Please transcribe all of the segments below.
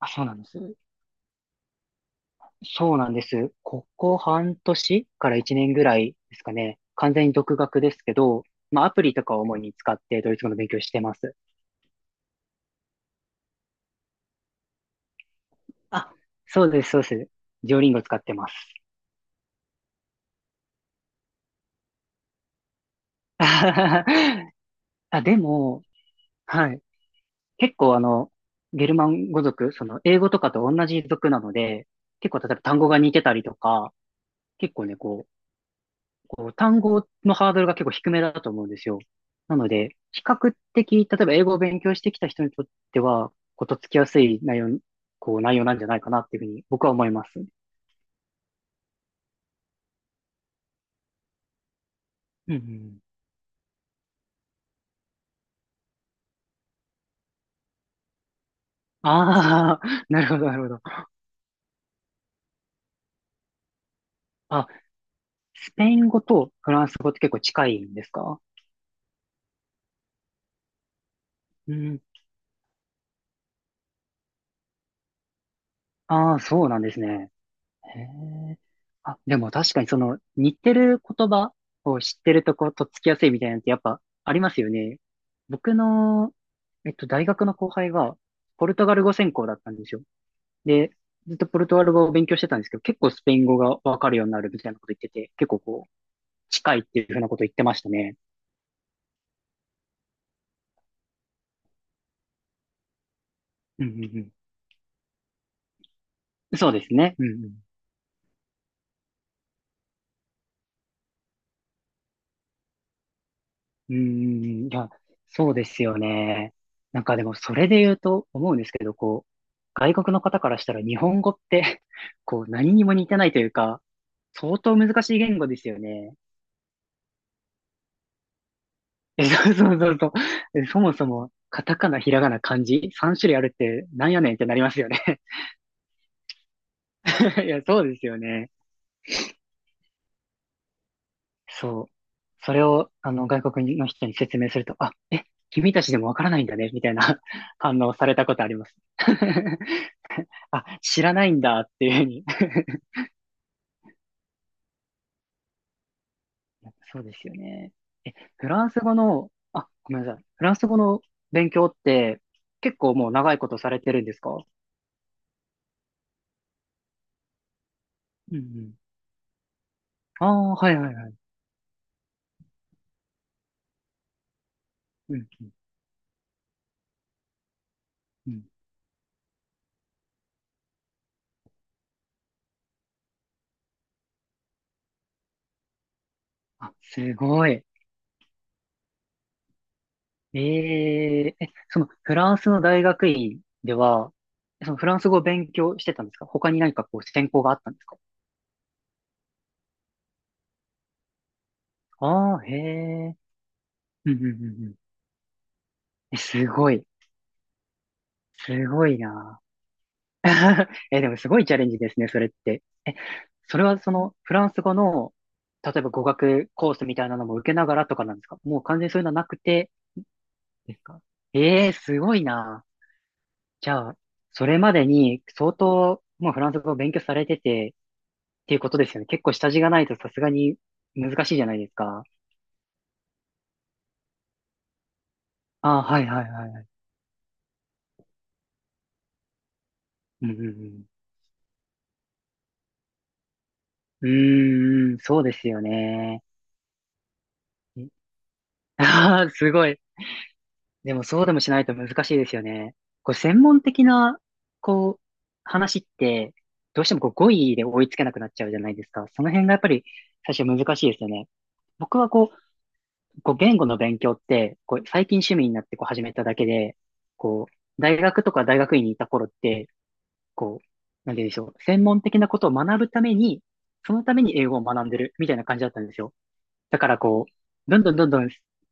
あ、そうなんです。そうなんです。ここ半年から1年ぐらいですかね。完全に独学ですけど、まあアプリとかを主に使ってドイツ語の勉強してます。あ、そうです、そうです。ジオリンゴ使ってます。あ、でも、はい。結構ゲルマン語族、その英語とかと同じ族なので、結構例えば単語が似てたりとか、結構ね、単語のハードルが結構低めだと思うんですよ。なので、比較的、例えば英語を勉強してきた人にとっては、こう、とっつきやすい内容なんじゃないかなっていうふうに僕は思います。うんうん。ああ、なるほど、なるほど。あ、スペイン語とフランス語って結構近いんですか？うん。ああ、そうなんですね。へえ。あ、でも確かにその似てる言葉を知ってるとこうとっつきやすいみたいなのってやっぱありますよね。僕の、大学の後輩がポルトガル語専攻だったんですよ。で、ずっとポルトガル語を勉強してたんですけど、結構スペイン語がわかるようになるみたいなこと言ってて、結構こう、近いっていうふうなこと言ってましたね。うんうんうん。そうですね。うんうん。うーん、いや、そうですよね。なんかでもそれで言うと思うんですけど、こう、外国の方からしたら日本語って こう、何にも似てないというか、相当難しい言語ですよね。え、そうそうそうそう。えそもそも、カタカナ、ひらがな、漢字、3種類あるってなんやねんってなりますよね。いや、そうですよね。そう。それを、外国の人に説明すると、君たちでもわからないんだね、みたいな 反応されたことあります。あ、知らないんだっていうふうに。そうですよね。え、フランス語の、あ、ごめんなさい。フランス語の勉強って結構もう長いことされてるんですか？うんうん。ああ、はいはいはい。うんうんうん。あ、すごい。えええ、そのフランスの大学院では、そのフランス語を勉強してたんですか？他に何かこう専攻があったんですか？ああー、へえ。うんうんうんうん。え、すごい。すごいな。え、でもすごいチャレンジですね、それって。え、それはそのフランス語の、例えば語学コースみたいなのも受けながらとかなんですか？もう完全にそういうのはなくてですか？ええすごいな。じゃあ、それまでに相当もうフランス語を勉強されててっていうことですよね。結構下地がないとさすがに難しいじゃないですか。ああ、はいはいはいはい。うんうんうん。うーん、そうですよね。ああ、すごい。でもそうでもしないと難しいですよね。こう、専門的な、こう、話って、どうしてもこう語彙で追いつけなくなっちゃうじゃないですか。その辺がやっぱり最初難しいですよね。僕はこう、こう言語の勉強って、こう最近趣味になってこう始めただけで、こう、大学とか大学院にいた頃って、こう、なんて言うんでしょう、専門的なことを学ぶために、そのために英語を学んでるみたいな感じだったんですよ。だからこう、どんどんどんどん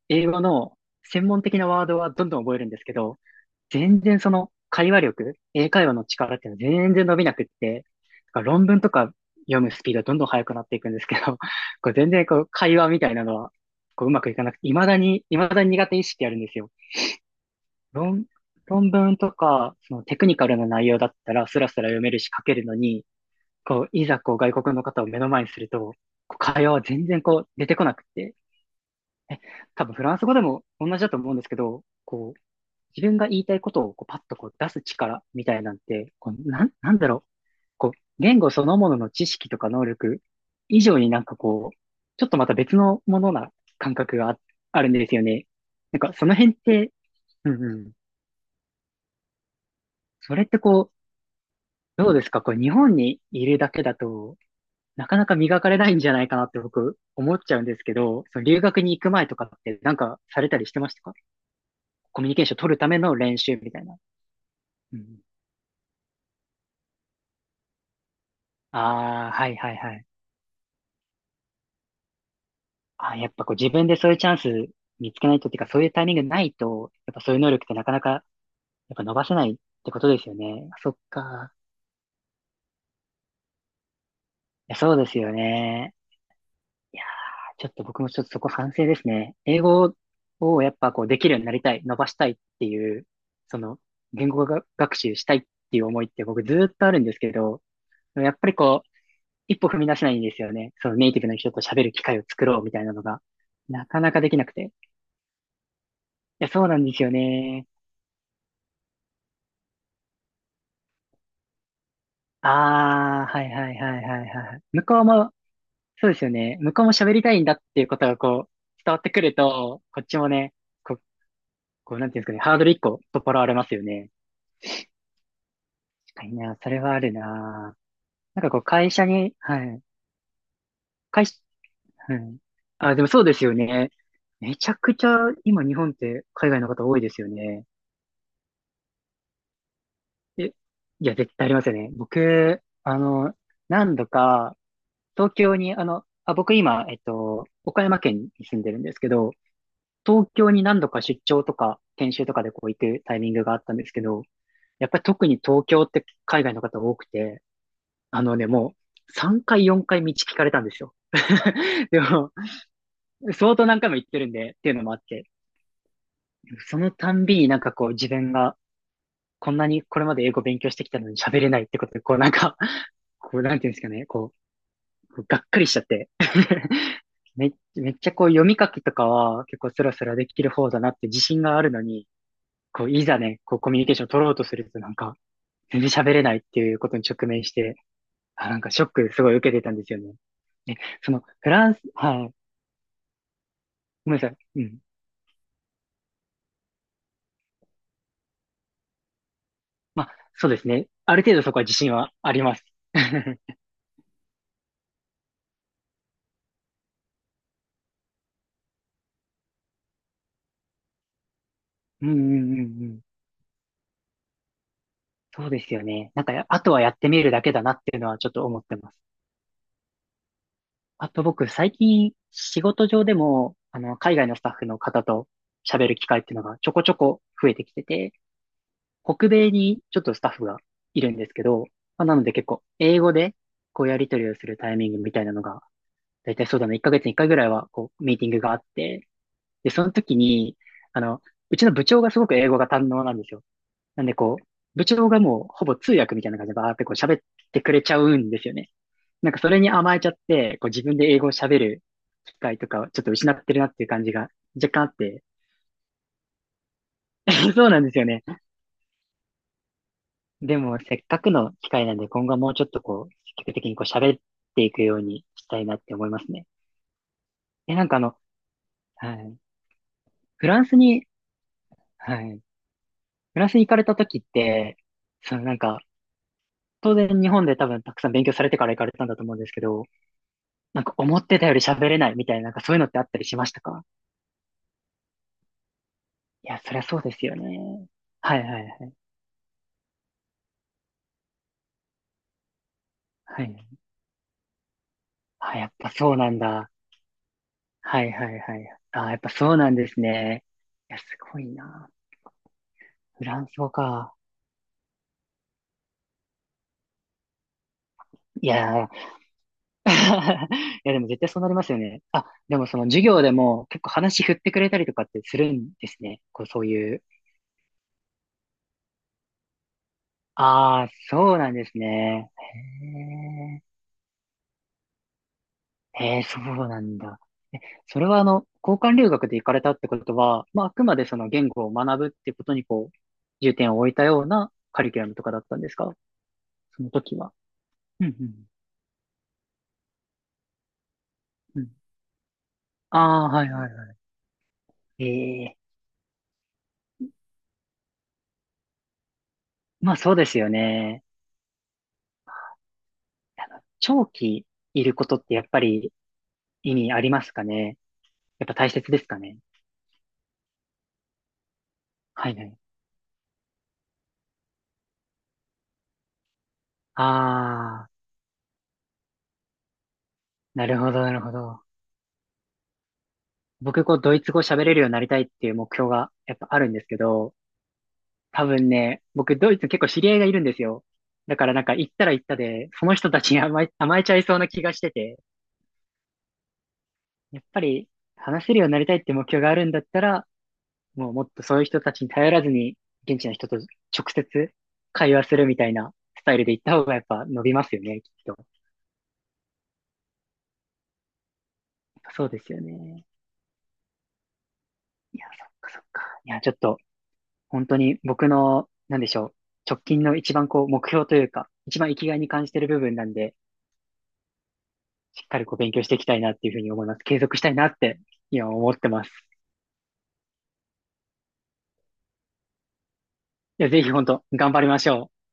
英語の専門的なワードはどんどん覚えるんですけど、全然その会話力、英会話の力っていうのは全然伸びなくって、だから論文とか読むスピードはどんどん速くなっていくんですけど、こう全然こう会話みたいなのはこううまくいかなくて、未だに苦手意識あるんですよ。論、論文とか、そのテクニカルな内容だったらスラスラ読めるし書けるのに、こう、いざこう外国の方を目の前にすると、こう会話は全然こう出てこなくて、え、多分フランス語でも同じだと思うんですけど、こう、自分が言いたいことをこうパッとこう出す力みたいなんて、こう、なんだろう。こう、言語そのものの知識とか能力以上になんかこう、ちょっとまた別のものな感覚があるんですよね。なんかその辺って、うんうん。それってこう、どうですかこう、日本にいるだけだと、なかなか磨かれないんじゃないかなって僕思っちゃうんですけど、その留学に行く前とかってなんかされたりしてましたか？コミュニケーション取るための練習みたいな。うん。ああ、はいはいはい。あ、やっぱこう自分でそういうチャンス見つけないとっていうか、そういうタイミングないと、やっぱそういう能力ってなかなか、やっぱ伸ばせないってことですよね。あそっか。いや、そうですよね。いやー、ちょっと僕もちょっとそこ反省ですね。英語をやっぱこうできるようになりたい、伸ばしたいっていう、その言語が学習したいっていう思いって僕ずーっとあるんですけど、やっぱりこう、一歩踏み出せないんですよね。そのネイティブの人と喋る機会を作ろうみたいなのが、なかなかできなくて。いや、そうなんですよね。ああ、はいはいはいはいはい。向こうも、そうですよね。向こうも喋りたいんだっていうことがこう、伝わってくると、こっちもね、こう、なんていうんですかね、ハードル一個取っ払われますよね。確かにな、それはあるな。なんかこう、会社に、はい。会社、はい。あ、でもそうですよね。めちゃくちゃ、今日本って海外の方多いですよね。えいや、絶対ありますよね。僕、何度か、東京に、あ、僕今、岡山県に住んでるんですけど、東京に何度か出張とか、研修とかでこう行くタイミングがあったんですけど、やっぱり特に東京って海外の方多くて、あのね、もう3回4回道聞かれたんですよ。でも、相当何回も行ってるんで、っていうのもあって、そのたんびになんかこう自分がこんなにこれまで英語勉強してきたのに喋れないってことで、こうなんか、こうなんていうんですかね、こうがっかりしちゃって めっちゃこう読み書きとかは結構スラスラできる方だなって自信があるのに、こういざね、こうコミュニケーション取ろうとするとなんか全然喋れないっていうことに直面して、あ、なんかショックすごい受けてたんですよね。で、そのフランス、はい、ごめんなさい。うん。まあ、そうですね。ある程度そこは自信はあります。うんうんうんうん。そうですよね。あとはやってみるだけだなっていうのはちょっと思ってます。あと僕、最近、仕事上でも、海外のスタッフの方と喋る機会っていうのがちょこちょこ増えてきてて、北米にちょっとスタッフがいるんですけど、まあ、なので結構、英語で、こうやり取りをするタイミングみたいなのが、だいたいそうだな、1ヶ月に1回ぐらいは、こう、ミーティングがあって、で、その時に、あの、うちの部長がすごく英語が堪能なんですよ。なんでこう、部長がもう、ほぼ通訳みたいな感じでバーってこう喋ってくれちゃうんですよね。なんかそれに甘えちゃって、こう自分で英語を喋る機会とかをちょっと失ってるなっていう感じが若干あって。そうなんですよね。でもせっかくの機会なんで今後はもうちょっとこう、積極的にこう喋っていくようにしたいなって思いますね。え、はい。フランスに、はい。フランスに行かれた時って、そのなんか、当然日本で多分たくさん勉強されてから行かれたんだと思うんですけど、なんか思ってたより喋れないみたいな、なんかそういうのってあったりしましたか。いや、そりゃそうですよね。はいはいはい。はい。あ、やっぱそうなんだ。はいはいはい。あ、やっぱそうなんですね。いや、すごいな。フランス語か。いやー、いや、でも絶対そうなりますよね。あ、でもその授業でも結構話振ってくれたりとかってするんですね。こう、そういう。ああ、そうなんですね。へえ、へえ、そうなんだ。え、それは交換留学で行かれたってことは、まあ、あくまでその言語を学ぶってことにこう、重点を置いたようなカリキュラムとかだったんですか。その時は。うんうんうん。ああ、はいはいはい。ええ。まあそうですよね。あの長期いることってやっぱり意味ありますかね。やっぱ大切ですかね。はいはい。ああ、なるほどなるほど。僕こうドイツ語喋れるようになりたいっていう目標がやっぱあるんですけど、多分ね、僕ドイツ結構知り合いがいるんですよ。だからなんか行ったら行ったで、その人たちに甘えちゃいそうな気がしてて、やっぱり話せるようになりたいって目標があるんだったら、もうもっとそういう人たちに頼らずに、現地の人と直接会話するみたいなスタイルで行った方がやっぱ伸びますよね、きっと。そうですよね。いや、そっか。いや、ちょっと、本当に僕の、なんでしょう、直近の一番こう、目標というか、一番生きがいに感じてる部分なんで、しっかりこう勉強していきたいなっていうふうに思います。継続したいなって、今思ってます。いや、ぜひ本当、頑張りましょう。